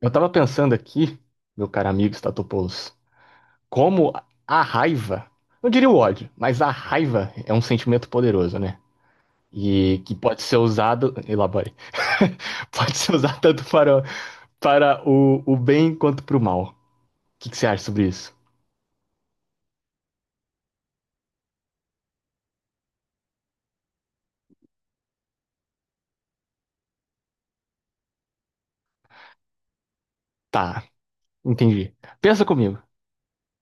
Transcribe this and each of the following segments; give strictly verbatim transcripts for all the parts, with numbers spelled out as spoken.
Eu tava pensando aqui, meu caro amigo Statopoulos, como a raiva, não diria o ódio, mas a raiva é um sentimento poderoso, né? E que pode ser usado, elabore, pode ser usado tanto para, para o, o bem quanto para o mal. O que, que você acha sobre isso? Tá, entendi. Pensa comigo.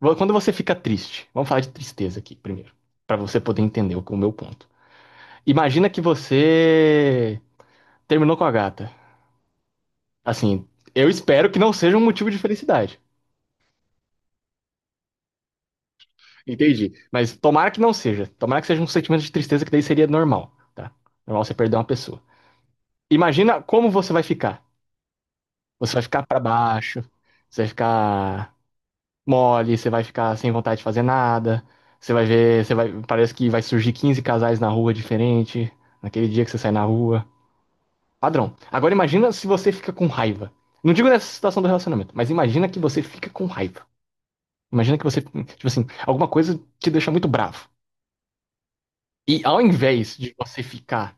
Vo- Quando você fica triste, vamos falar de tristeza aqui primeiro, para você poder entender o, o meu ponto. Imagina que você terminou com a gata. Assim, eu espero que não seja um motivo de felicidade. Entendi. Mas tomara que não seja. Tomara que seja um sentimento de tristeza, que daí seria normal, tá? Normal você perder uma pessoa. Imagina como você vai ficar. Você vai ficar pra baixo, você vai ficar mole, você vai ficar sem vontade de fazer nada. Você vai ver, você vai, parece que vai surgir quinze casais na rua diferente, naquele dia que você sai na rua. Padrão. Agora imagina se você fica com raiva. Não digo nessa situação do relacionamento, mas imagina que você fica com raiva. Imagina que você, tipo assim, alguma coisa te deixa muito bravo. E ao invés de você ficar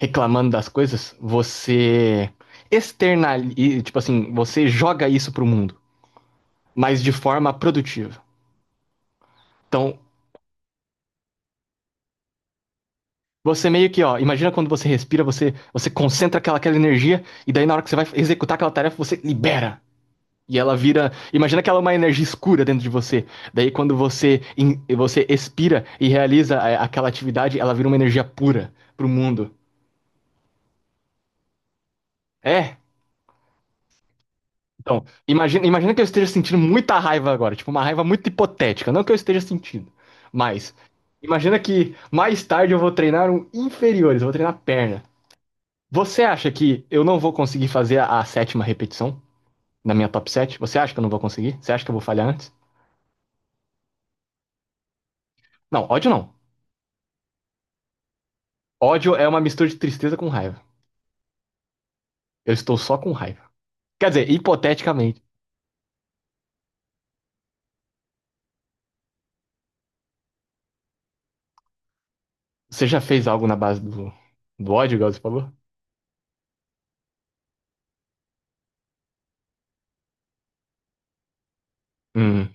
reclamando das coisas, você externaliza, tipo assim, você joga isso pro mundo, mas de forma produtiva. Então, você meio que, ó, imagina quando você respira, você, você concentra aquela, aquela energia, e daí na hora que você vai executar aquela tarefa, você libera. E ela vira. Imagina que ela é uma energia escura dentro de você. Daí quando você, in- você expira e realiza a- aquela atividade, ela vira uma energia pura pro mundo. É. Então, imagina, imagina que eu esteja sentindo muita raiva agora, tipo, uma raiva muito hipotética, não que eu esteja sentindo, mas imagina que mais tarde eu vou treinar um inferiores, eu vou treinar perna. Você acha que eu não vou conseguir fazer a, a sétima repetição na minha top sete? Você acha que eu não vou conseguir? Você acha que eu vou falhar antes? Não, ódio não. Ódio é uma mistura de tristeza com raiva. Eu estou só com raiva. Quer dizer, hipoteticamente, você já fez algo na base do, do ódio, igual você falou? Hum,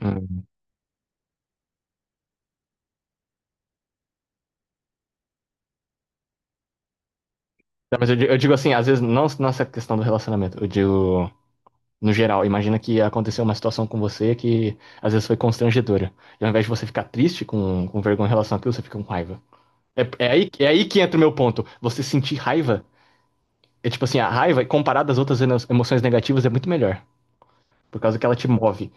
hum. Não, mas eu, di- eu digo assim, às vezes, não nessa questão do relacionamento, eu digo no geral. Imagina que aconteceu uma situação com você que às vezes foi constrangedora. E ao invés de você ficar triste com, com vergonha em relação àquilo, você fica com raiva. É, é aí, é aí que entra o meu ponto. Você sentir raiva, é tipo assim, a raiva, comparada às outras emo- emoções negativas, é muito melhor. Por causa que ela te move.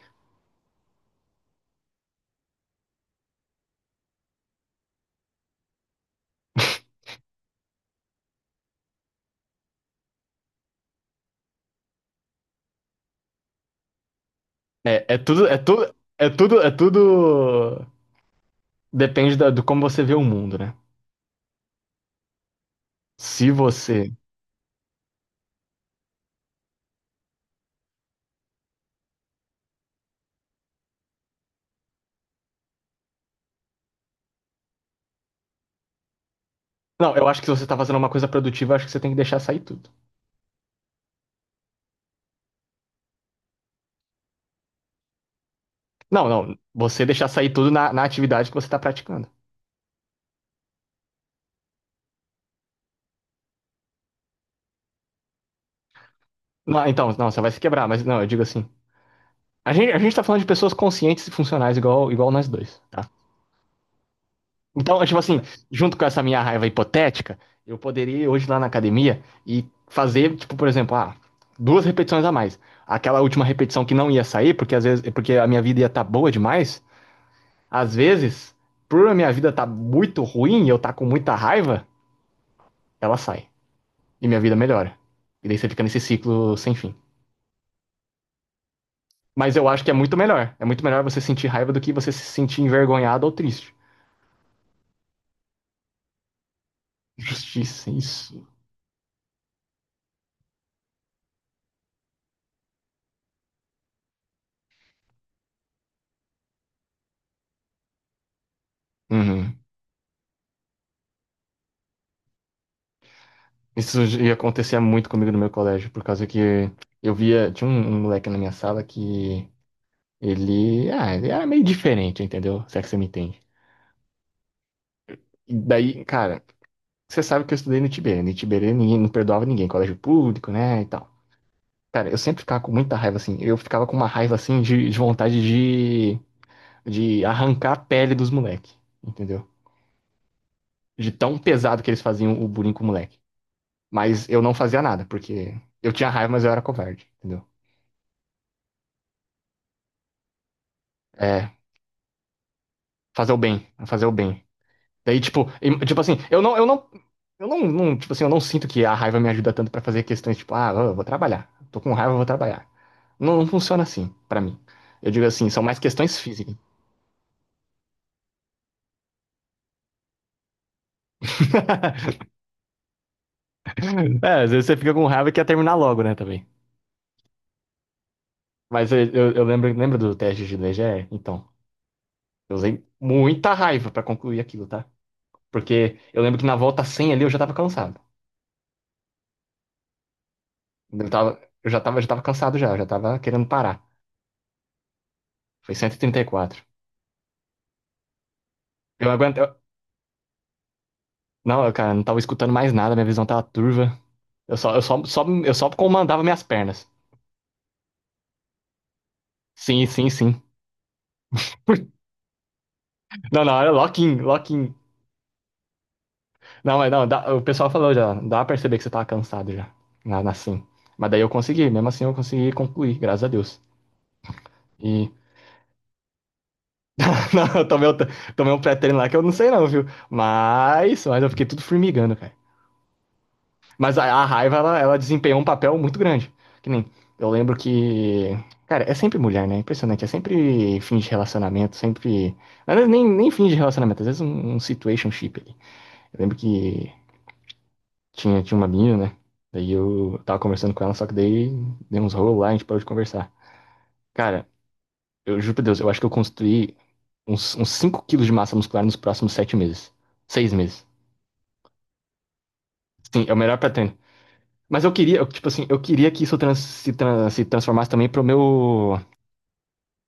É, é tudo, é tudo, é tudo, é tudo. Depende da- do como você vê o mundo, né? Se você. Não, eu acho que se você tá fazendo uma coisa produtiva, eu acho que você tem que deixar sair tudo. Não, não. Você deixar sair tudo na, na atividade que você está praticando. Não, então, não, você vai se quebrar, mas não, eu digo assim. A gente, a gente tá falando de pessoas conscientes e funcionais, igual, igual nós dois, tá? Então, tipo assim, junto com essa minha raiva hipotética, eu poderia ir hoje lá na academia e fazer, tipo, por exemplo, ah, duas repetições a mais. Aquela última repetição que não ia sair, porque às vezes, porque a minha vida ia estar boa demais, às vezes, por a minha vida tá muito ruim e eu tá com muita raiva, ela sai. E minha vida melhora. E daí você fica nesse ciclo sem fim. Mas eu acho que é muito melhor. É muito melhor você sentir raiva do que você se sentir envergonhado ou triste. Justiça, isso. Uhum. Isso ia acontecer muito comigo no meu colégio, por causa que eu via. Tinha um, um moleque na minha sala que ele. Ah, ele era meio diferente, entendeu? Se é que você me entende. E daí, cara, você sabe que eu estudei no Tiberê. No Tiberê ninguém não perdoava ninguém, colégio público, né? E tal. Cara, eu sempre ficava com muita raiva assim. Eu ficava com uma raiva assim de, de vontade de, de arrancar a pele dos moleques, entendeu? De tão pesado que eles faziam o bullying com o moleque. Mas eu não fazia nada, porque eu tinha raiva, mas eu era covarde, entendeu? É, fazer o bem, fazer o bem. Daí, tipo, em- tipo assim, eu não, eu não, eu não, não, tipo assim, eu não sinto que a raiva me ajuda tanto pra fazer questões, tipo, ah, eu vou trabalhar. Tô com raiva, eu vou trabalhar. Não, não funciona assim, pra mim. Eu digo assim, são mais questões físicas. É, às vezes você fica com raiva e quer terminar logo, né, também. Mas eu, eu, eu lembro, lembra do teste de D G E? Então, eu usei muita raiva pra concluir aquilo, tá? Porque eu lembro que na volta cem ali eu já tava cansado. Eu tava, eu já tava, já tava cansado já, eu já tava querendo parar. Foi cento e trinta e quatro. Eu aguento, eu- não, eu, cara, não tava escutando mais nada, minha visão tava turva. Eu só, eu só, só, eu só comandava minhas pernas. Sim, sim, sim. Não, não, era lock-in, lock-in. Não, mas não, dá- o pessoal falou já, dá pra perceber que você tava cansado já, na, na sim. Mas daí eu consegui, mesmo assim eu consegui concluir, graças a Deus. E, não, eu tomei, um- tomei um pré-treino lá que eu não sei não, viu? Mas, mas eu fiquei tudo formigando, cara. Mas a, a raiva, ela, ela desempenhou um papel muito grande. Que nem, eu lembro que. Cara, é sempre mulher, né? Impressionante. É sempre fim de relacionamento, sempre. Às vezes nem, nem fim de relacionamento, às vezes um, um situationship ali. Eu lembro que tinha, tinha uma menina, né? Daí eu tava conversando com ela, só que daí deu uns rolos lá, a gente parou de conversar. Cara, eu juro pra Deus, eu acho que eu construí uns, uns cinco quilos de massa muscular nos próximos sete meses. Seis meses. Sim, é o melhor pra treino. Mas eu queria, eu, tipo assim, eu queria que isso trans- se, tran- se transformasse também pro meu.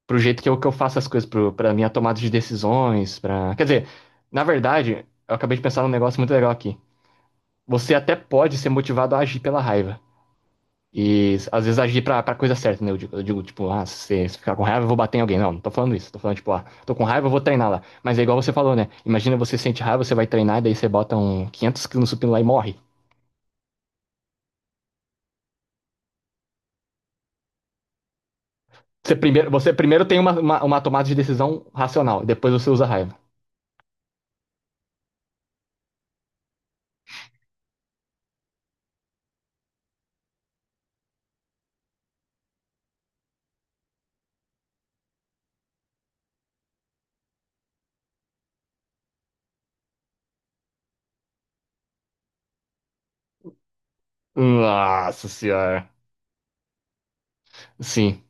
Pro jeito que eu, que eu faço as coisas, pro, pra minha tomada de decisões, pra. Quer dizer, na verdade, eu acabei de pensar num negócio muito legal aqui. Você até pode ser motivado a agir pela raiva. E às vezes agir pra, pra coisa certa, né? Eu digo, eu digo, tipo, ah, se, se ficar com raiva, eu vou bater em alguém. Não, não tô falando isso. Tô falando, tipo, ah, tô com raiva, eu vou treinar lá. Mas é igual você falou, né? Imagina você sente raiva, você vai treinar, daí você bota um quinhentos quilos no supino lá e morre. Você primeiro, você primeiro tem uma, uma, uma tomada de decisão racional, depois você usa a raiva. Nossa senhora. Sim,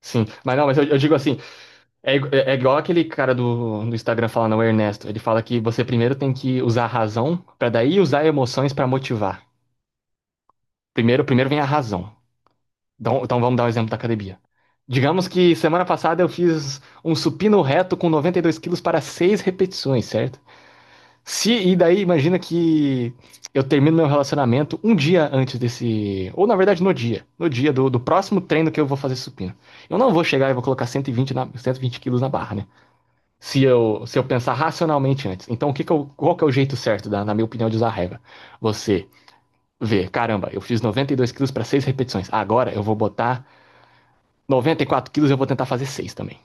sim. Mas não, mas eu, eu digo assim, é, igu- é- é igual aquele cara do, do Instagram falando, o Ernesto. Ele fala que você primeiro tem que usar a razão, pra daí usar emoções pra motivar. Primeiro, primeiro vem a razão. Então, então vamos dar o exemplo da academia. Digamos que semana passada eu fiz um supino reto com noventa e dois quilos para seis repetições, certo? Se, e daí, imagina que eu termino meu relacionamento um dia antes desse. Ou na verdade, no dia. No dia do, do próximo treino que eu vou fazer supino. Eu não vou chegar e vou colocar cento e vinte na, cento e vinte quilos na barra, né? Se eu, se eu pensar racionalmente antes. Então, o que que eu, qual que é o jeito certo, da, na minha opinião, de usar a regra? Você vê, caramba, eu fiz noventa e dois quilos para seis repetições. Agora eu vou botar noventa e quatro quilos e eu vou tentar fazer seis também.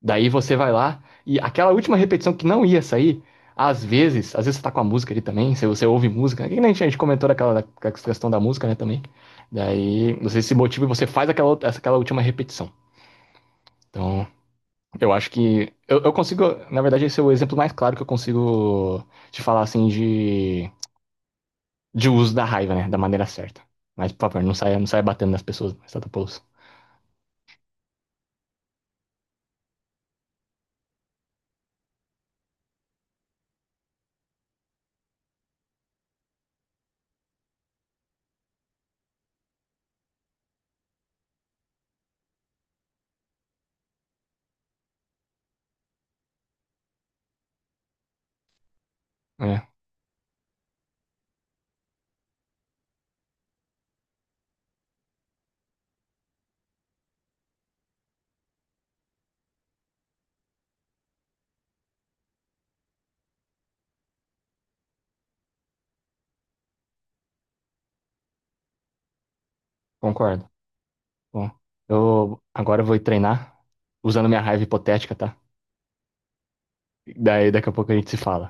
Daí você vai lá e aquela última repetição que não ia sair, às vezes, às vezes você tá com a música ali também, se você ouve música, que nem a gente comentou daquela da- questão da música, né, também. Daí você se motiva e você faz aquela, outra- aquela última repetição. Então, eu acho que eu, eu consigo, na verdade, esse é o exemplo mais claro que eu consigo te falar assim de, de uso da raiva, né, da maneira certa. Mas, por favor, não saia, não saia batendo nas pessoas, mas tá pulso. É, concordo. Bom, eu agora vou ir treinar usando minha raiva hipotética, tá? Daí daqui a pouco a gente se fala.